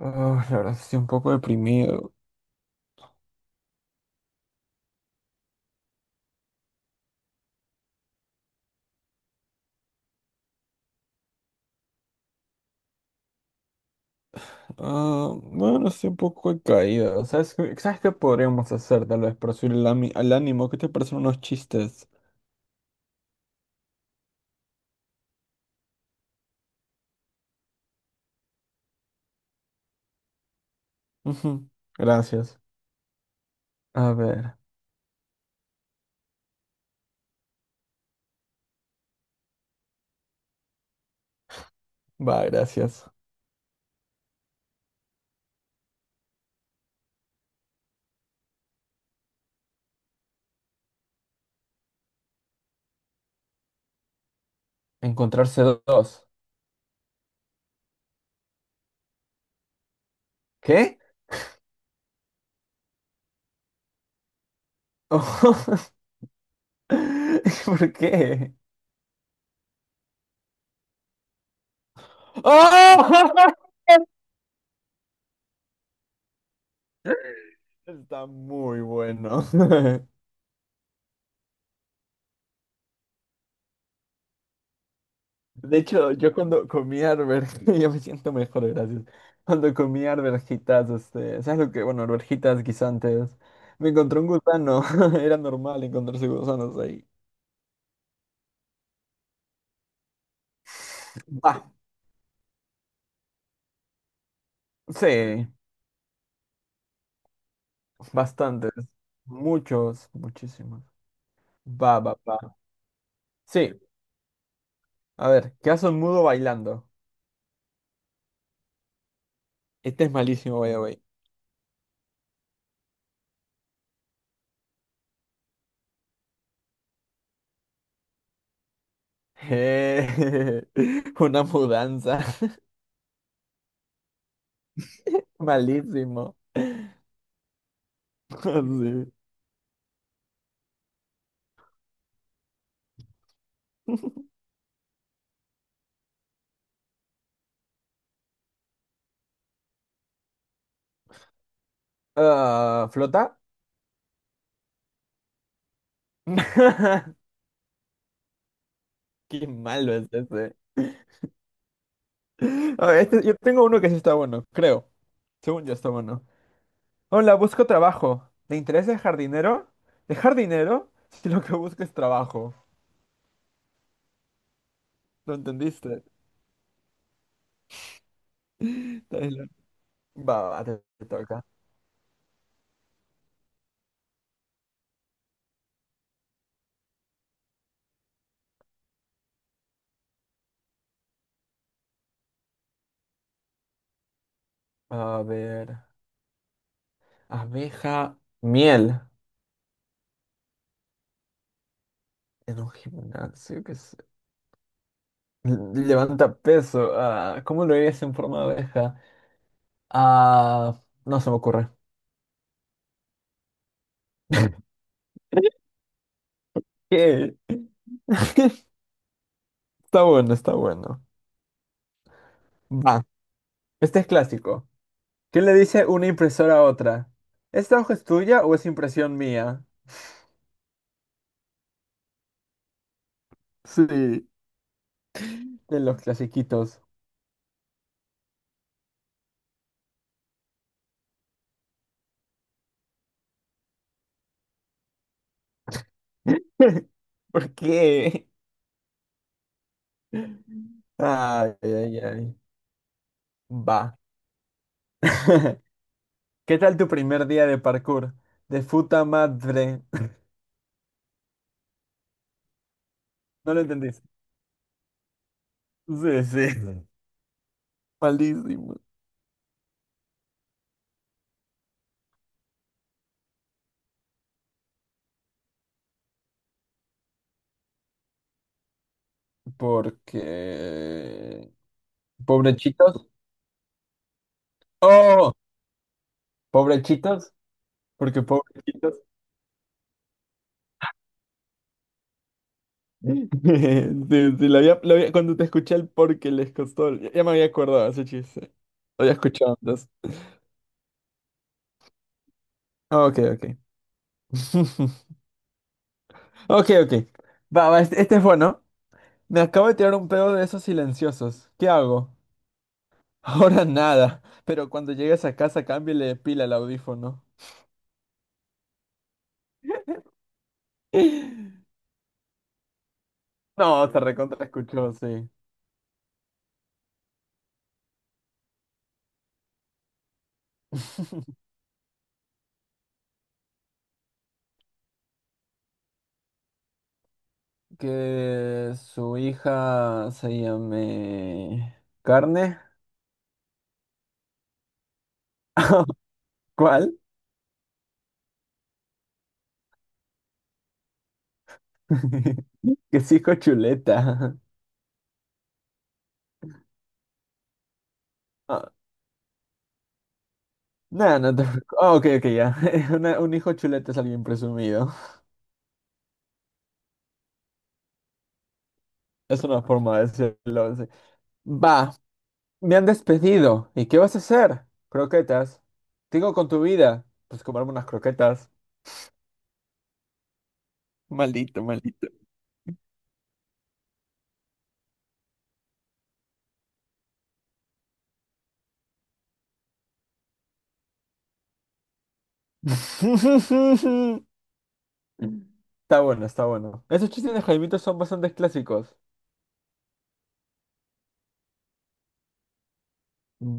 Ah, la verdad, estoy un poco deprimido. Ah, bueno, estoy un poco de caída. Sabes qué podríamos hacer tal vez para subir el, ami- al ánimo? ¿Qué te parecen unos chistes? Ujú. Gracias. A ver. Va, gracias. Encontrarse dos. ¿Qué? Oh. ¿Por qué? ¡Ah! Está muy bueno. De hecho, yo cuando comí arvejitas, yo me siento mejor, gracias. Cuando comí arvejitas, este, ¿sabes lo que? Bueno, arvejitas guisantes. Me encontré un gusano. Era normal encontrarse gusanos ahí. Ah, sí, bastantes. Muchos, muchísimos. Va. Sí, a ver, ¿qué hace un mudo bailando? Este es malísimo, by the way. Eh, una mudanza. Malísimo. Sí. Ah, ¿flota? Qué malo es ese. A ver, este- yo tengo uno que sí está bueno, creo. Según yo está bueno. Hola, busco trabajo. ¿Te interesa el jardinero? ¿Dejar dinero? Si lo que busco es trabajo. ¿Lo entendiste? Está. Va, va, te toca. A ver. Abeja, miel. En un gimnasio que se... Levanta peso. Ah, ¿cómo lo harías en forma de abeja? Ah, no se me ocurre. ¿Qué? Está bueno, está bueno. Va, este es clásico. ¿Qué le dice una impresora a otra? ¿Esta hoja es tuya o es impresión mía? Sí. De los clasiquitos. ¿Por qué? Ay, ay, ay. Va. ¿Qué tal tu primer día de parkour? De puta madre. No lo entendiste. Sí, sí. Mm. Malísimo. Porque... Pobrechitos. Oh, pobrechitos. Porque pobrechitos. Sí, sí, cuando te escuché el porque les costó, ya, ya me había acordado ese chiste. Lo había escuchado antes. Ah, ok, ok. Ok, ok. Va, va, este es bueno. Me acabo de tirar un pedo de esos silenciosos. ¿Qué hago? Ahora nada, pero cuando llegues a casa cámbiale de pila al audífono. No, se recontra escuchó, sí. Que su hija se llame... ¿Carne? ¿Cuál? Que es hijo chuleta. Ah, no, no te preocupes. Ah, ok, ok, ya. Un hijo chuleta es alguien presumido. Es una forma de decirlo. Sí. Va, me han despedido. ¿Y qué vas a hacer? Croquetas. ¿Qué hago con tu vida? Pues comerme unas croquetas. Maldito, maldito. Está bueno, está bueno. Esos chistes de Jaimito son bastante clásicos.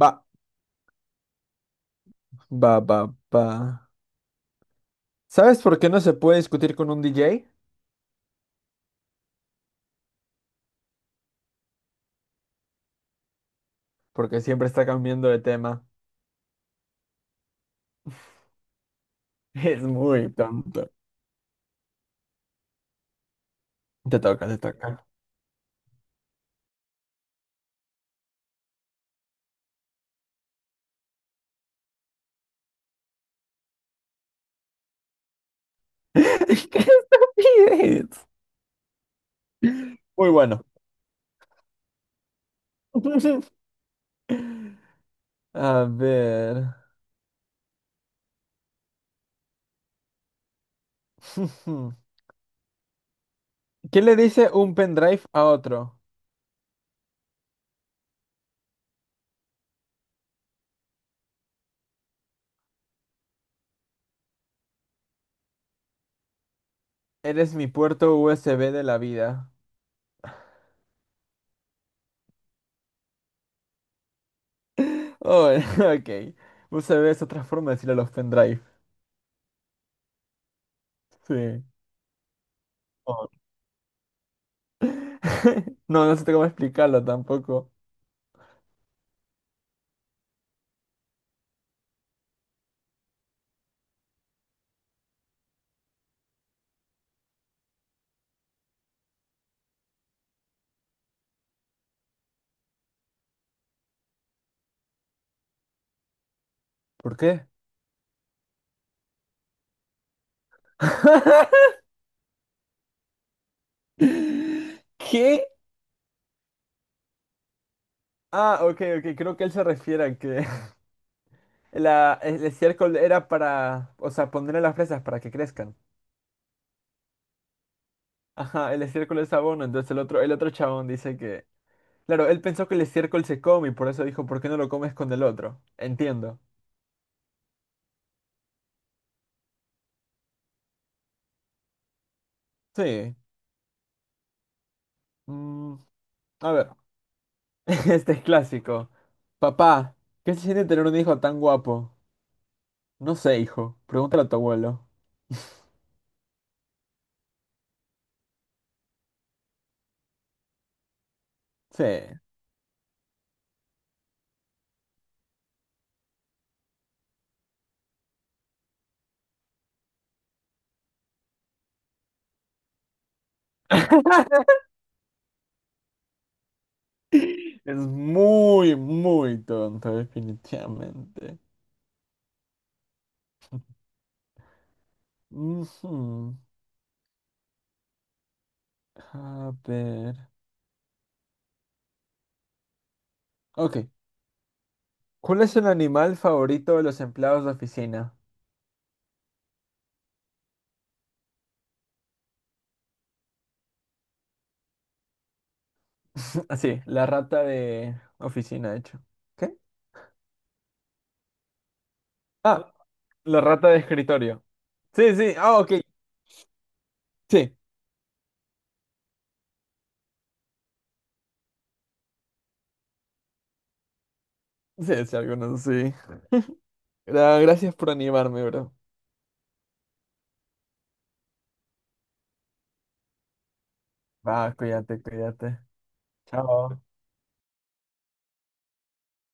Va, va. ¿Sabes por qué no se puede discutir con un DJ? Porque siempre está cambiando de tema. Es muy tonto. Te toca, te toca. ¡Qué estupidez! Muy bueno. A ver. ¿Qué le dice un pendrive a otro? Eres mi puerto USB de la vida. Oh, ok. USB es otra forma de decirle a los pendrive. Sí. Oh. No, no sé cómo explicarlo tampoco. ¿Por qué? ¿Qué? Ah, ok, ok. Creo que él se refiere a que la, el estiércol era para, o sea, ponerle las fresas para que crezcan. Ajá, el estiércol es abono, entonces el otro chabón dice que, claro, él pensó que el estiércol se come y por eso dijo, ¿por qué no lo comes con el otro? Entiendo. Sí. Mm, a ver, este es clásico. Papá, ¿qué se siente tener un hijo tan guapo? No sé, hijo, pregúntale a tu abuelo. Sí. Es muy, muy tonto, definitivamente. Ujú. A ver. Ok. ¿Cuál es el animal favorito de los empleados de oficina? Así, la rata de oficina, de hecho. ¿Qué? Oh. Ah, la rata de escritorio. Sí, sí. Ah, ok. Sí. Sí, sí, algunos sí. Gracias por animarme, bro. Va, cuídate, cuídate. Chao.